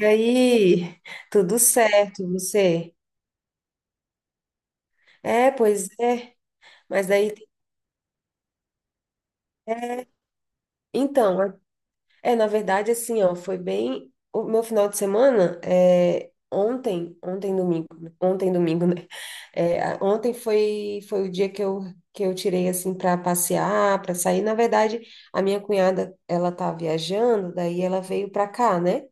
E aí, tudo certo, você? É, pois é, mas daí tem- é, então, é, é, na verdade, assim, ó, foi bem, o meu final de semana, ontem domingo, né? Ontem domingo, né, ontem foi, foi o dia que que eu tirei, assim, para passear, para sair, na verdade, a minha cunhada, ela tá viajando, daí ela veio para cá, né.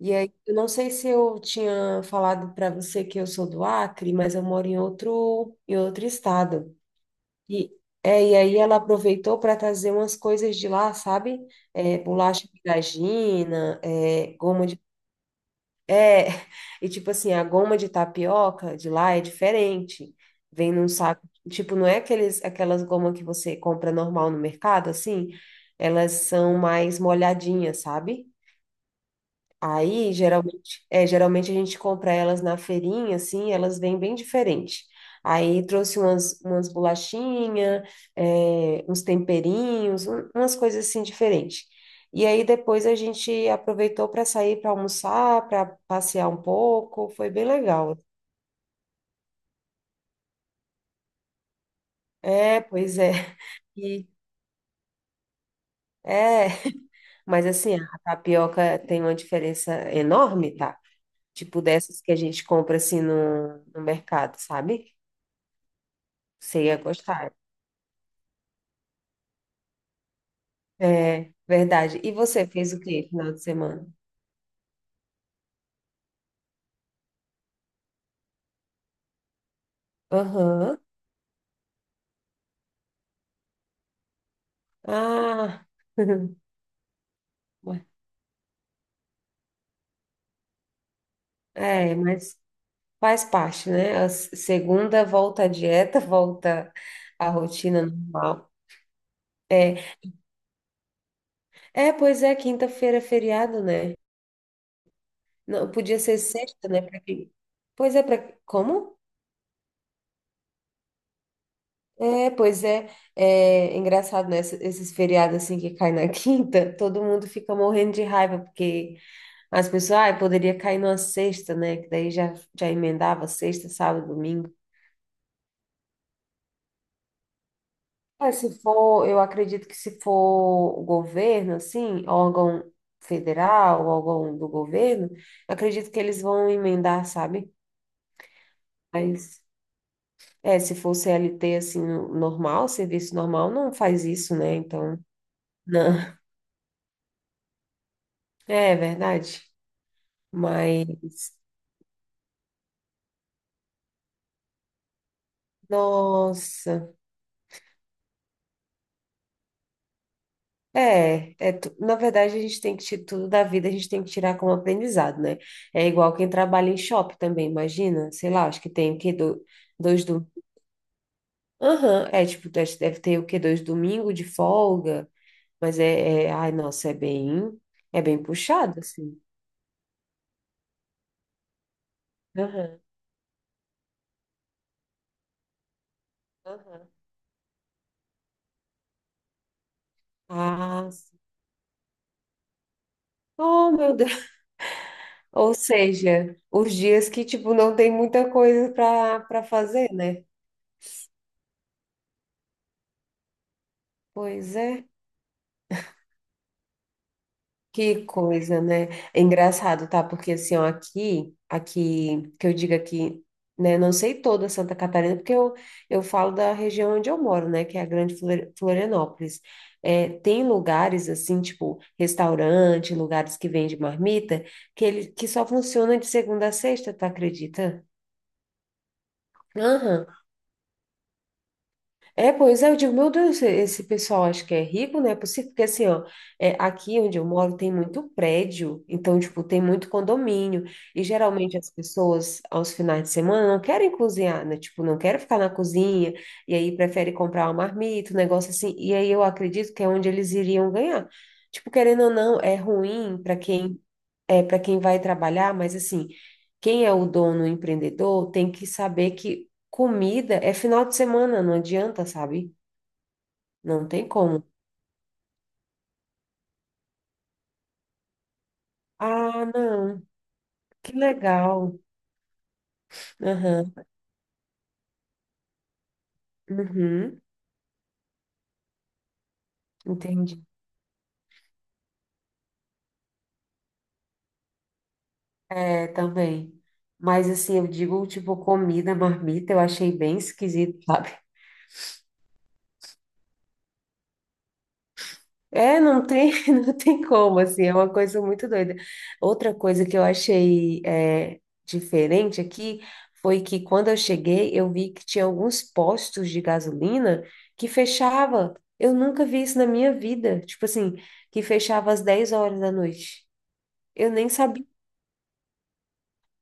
E aí, eu não sei se eu tinha falado para você que eu sou do Acre, mas eu moro em outro estado. E, e aí ela aproveitou para trazer umas coisas de lá, sabe? É, bolacha de vagina, é, goma de. É, e tipo assim, a goma de tapioca de lá é diferente. Vem num saco. Tipo, não é aqueles, aquelas gomas que você compra normal no mercado, assim. Elas são mais molhadinhas, sabe? Aí, geralmente a gente compra elas na feirinha, assim, elas vêm bem diferente. Aí trouxe umas, umas bolachinhas, uns temperinhos, umas coisas assim diferentes. E aí depois a gente aproveitou para sair para almoçar, para passear um pouco, foi bem legal. É, pois é. E, é, mas assim, a tapioca tem uma diferença enorme, tá? Tipo dessas que a gente compra assim no, no mercado, sabe? Você ia gostar. É, verdade. E você fez o quê final de semana? Aham. Ah. Ué, é, mas faz parte, né? A segunda volta à dieta, volta à rotina normal. É, quinta-feira é feriado, né? Não, podia ser sexta, né? Pra quem... Pois é, para como? É, pois é, é engraçado, né? Esses feriados assim que caem na quinta, todo mundo fica morrendo de raiva porque as pessoas, ah, poderia cair numa sexta, né? Que já emendava sexta, sábado, domingo. Mas se for, eu acredito que se for o governo, assim, órgão federal, órgão do governo, acredito que eles vão emendar, sabe? Mas, é, se for CLT, assim, normal, serviço normal, não faz isso, né? Então, não. É verdade. Mas, nossa. Na verdade, a gente tem que tirar tudo da vida, a gente tem que tirar como aprendizado, né? É igual quem trabalha em shopping também, imagina, sei lá, acho que tem o quê? Do, dois do. Aham, é tipo, deve ter o quê? Dois domingo de folga, mas ai, nossa, é bem puxado, assim. Aham, aham. Ah, sim. Oh, meu Deus. Ou seja, os dias que, tipo, não tem muita coisa para fazer, né? Pois é. Que coisa, né? É engraçado, tá? Porque assim, ó, aqui, que eu digo aqui, né? Não sei toda Santa Catarina, porque eu falo da região onde eu moro, né? Que é a Grande Florianópolis. É, tem lugares assim, tipo restaurante, lugares que vende marmita, que ele que só funciona de segunda a sexta, tu acredita? Aham. Eu digo, meu Deus, esse pessoal acho que é rico, né? É possível, porque assim, ó, é, aqui onde eu moro tem muito prédio, então, tipo, tem muito condomínio, e geralmente as pessoas, aos finais de semana, não querem cozinhar, né? Tipo, não querem ficar na cozinha, e aí prefere comprar uma marmita, um negócio assim, e aí eu acredito que é onde eles iriam ganhar. Tipo, querendo ou não, é ruim para quem é para quem vai trabalhar, mas assim, quem é o dono, o empreendedor, tem que saber que comida é final de semana, não adianta, sabe? Não tem como. Ah, não, que legal. Aham, uhum, entendi. É, também. Mas assim, eu digo, tipo, comida, marmita, eu achei bem esquisito, sabe? É, não tem, não tem como, assim, é uma coisa muito doida. Outra coisa que eu achei é, diferente aqui foi que quando eu cheguei, eu vi que tinha alguns postos de gasolina que fechava. Eu nunca vi isso na minha vida. Tipo assim, que fechava às 10 horas da noite. Eu nem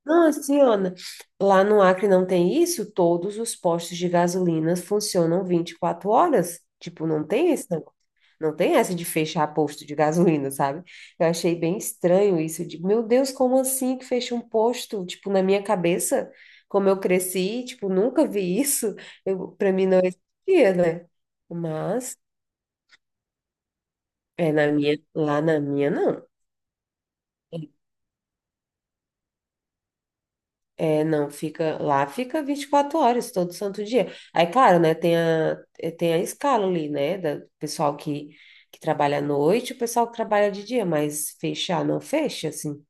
não, assim, Ana, lá no Acre não tem isso? Todos os postos de gasolina funcionam 24 horas. Tipo, não tem esse negócio. Não tem essa de fechar posto de gasolina, sabe? Eu achei bem estranho isso. Eu digo, meu Deus, como assim que fecha um posto? Tipo, na minha cabeça, como eu cresci, tipo, nunca vi isso. Eu, pra mim não existia, né? Mas, lá na minha, não. É, não, fica lá, fica 24 horas todo santo dia. Aí, claro, né, tem a escala ali, né, da do pessoal que trabalha à noite, o pessoal que trabalha de dia, mas fechar não fecha, assim.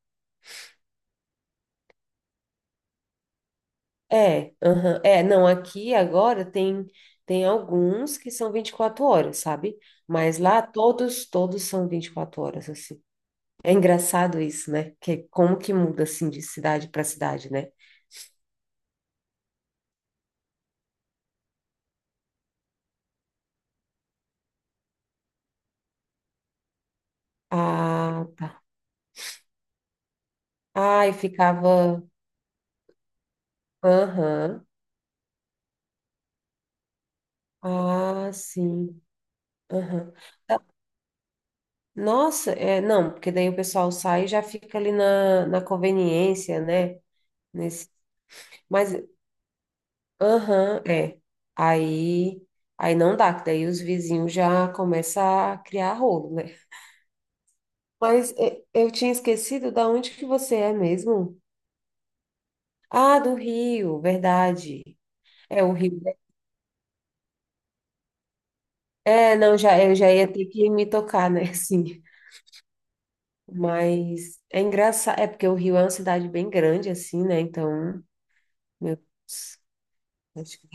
Não, aqui agora tem alguns que são 24 horas, sabe? Mas lá todos, todos são 24 horas, assim. É engraçado isso, né? Que é como que muda assim de cidade para cidade, né? Ah, tá. Ai, ficava. Aham. Ah, sim. Aham. Ah, nossa, é, não, porque daí o pessoal sai e já fica ali na, na conveniência, né? Nesse, mas, aham, é. Aí, aí não dá, que daí os vizinhos já começam a criar rolo, né? Mas é, eu tinha esquecido da onde que você é mesmo? Ah, do Rio, verdade. É o Rio. É, não, já, eu já ia ter que me tocar, né? Assim. Mas é engraçado, é porque o Rio é uma cidade bem grande, assim, né? Então, meu Deus, acho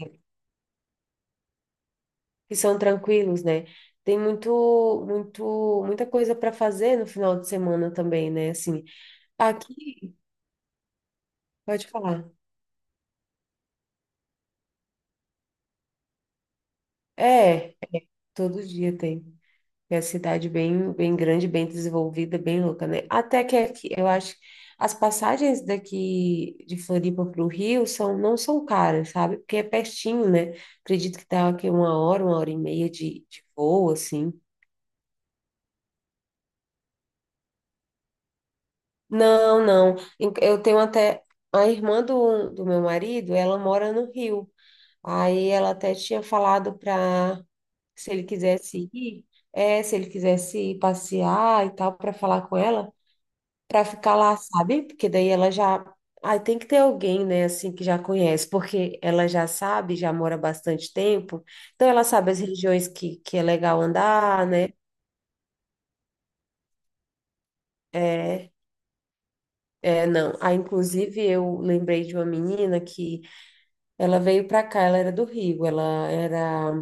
que são tranquilos, né? Tem muito, muito, muita coisa para fazer no final de semana também, né? Assim, aqui, pode falar. É, todo dia tem. É a cidade bem, bem grande, bem desenvolvida, bem louca, né? Até que aqui, eu acho, as passagens daqui de Floripa para o Rio são, não são caras, sabe? Porque é pertinho, né? Acredito que tá aqui uma hora, 1 hora e meia de voo, assim. Não, não. Eu tenho até. A irmã do, do meu marido, ela mora no Rio. Aí ela até tinha falado se ele quisesse ir, é, se ele quisesse ir passear e tal, para falar com ela. Para ficar lá, sabe? Porque daí ela já. Ai tem que ter alguém, né, assim, que já conhece, porque ela já sabe, já mora bastante tempo, então ela sabe as regiões que é legal andar, né? É, não. Ah, inclusive, eu lembrei de uma menina que ela veio para cá, ela era do Rio, ela era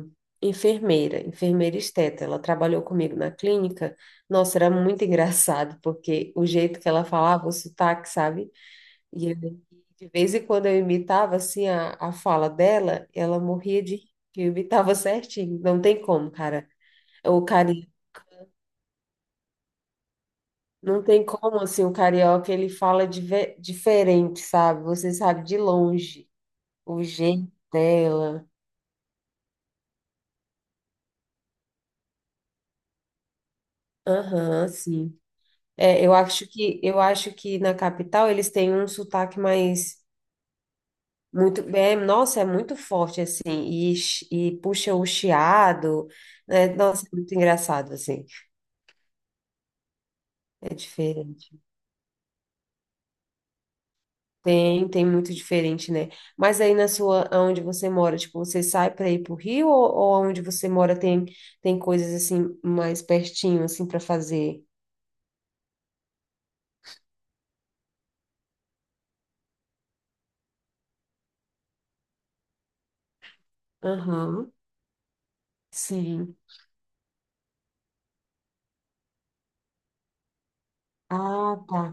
enfermeira, enfermeira esteta, ela trabalhou comigo na clínica. Nossa, era muito engraçado, porque o jeito que ela falava, o sotaque, sabe? E de vez em quando eu imitava assim a fala dela, ela morria de rir, que eu imitava certinho. Não tem como, cara. O cari... Não tem como assim, o carioca ele fala diferente, sabe? Você sabe de longe o jeito dela. Aham, sim. Eu acho que na capital eles têm um sotaque mais muito, é, nossa, é muito forte assim e, e puxa o chiado, né? Nossa, é muito engraçado assim. É diferente. Tem, tem muito diferente, né? Mas aí na sua, onde você mora, tipo, você sai para ir pro Rio ou onde você mora tem coisas assim mais pertinho assim para fazer? Aham. Sim. Ah, tá.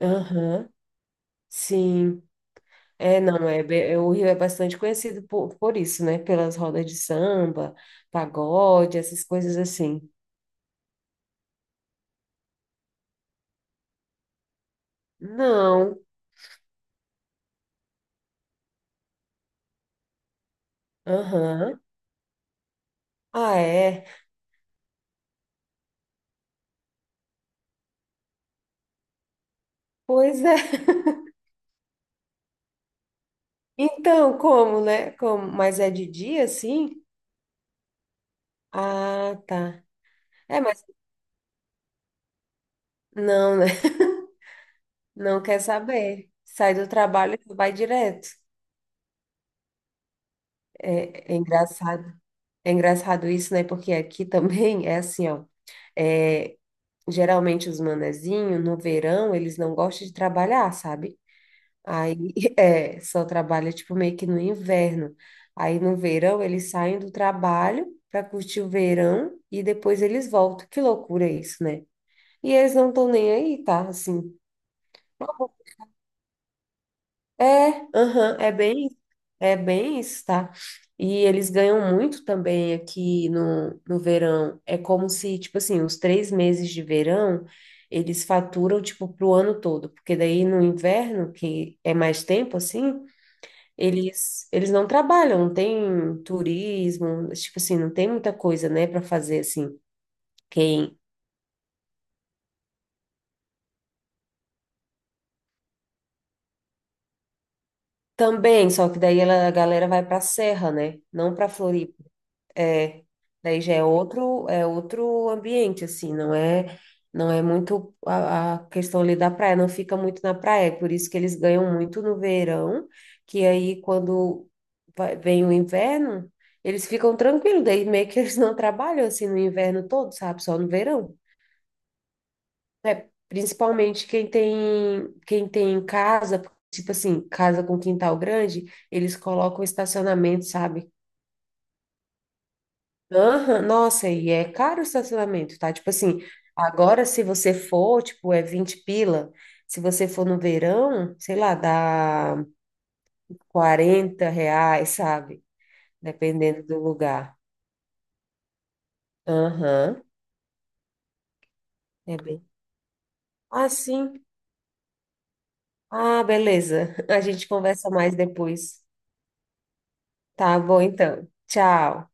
Aham. Sim. É, não, é, be- é, o Rio é bastante conhecido por isso, né? Pelas rodas de samba, pagode, essas coisas assim. Não. Aham. Ah, é. Pois é. Então, como, né? Como, mas é de dia, assim? Ah, tá. É, mas não, né? Não quer saber. Sai do trabalho e vai direto. É, é engraçado. É engraçado isso, né? Porque aqui também é assim, ó. É, geralmente os manezinhos, no verão, eles não gostam de trabalhar, sabe? Aí, é, só trabalha, tipo, meio que no inverno. Aí, no verão, eles saem do trabalho para curtir o verão e depois eles voltam. Que loucura isso, né? E eles não estão nem aí, tá? Assim. É, aham, é bem, é bem isso, tá? E eles ganham muito também aqui no, no verão. É como se, tipo assim, os 3 meses de verão, eles faturam, tipo, pro ano todo. Porque daí no inverno, que é mais tempo, assim, eles não trabalham, não tem turismo, tipo assim, não tem muita coisa, né, para fazer, assim. Quem... Também, só que a galera vai pra serra, né? Não pra Floripa. É, daí já é outro ambiente, assim, não é, não é muito a questão ali da praia, não fica muito na praia, é por isso que eles ganham muito no verão, que aí quando vem o inverno, eles ficam tranquilos, daí meio que eles não trabalham assim no inverno todo, sabe? Só no verão. É, principalmente quem tem casa, tipo assim, casa com quintal grande, eles colocam estacionamento, sabe? Aham, nossa, e é caro o estacionamento, tá? Tipo assim, agora se você for, tipo, é 20 pila. Se você for no verão, sei lá, dá R$ 40, sabe? Dependendo do lugar. Aham, é bem. Ah, sim. Ah, beleza. A gente conversa mais depois. Tá bom, então. Tchau.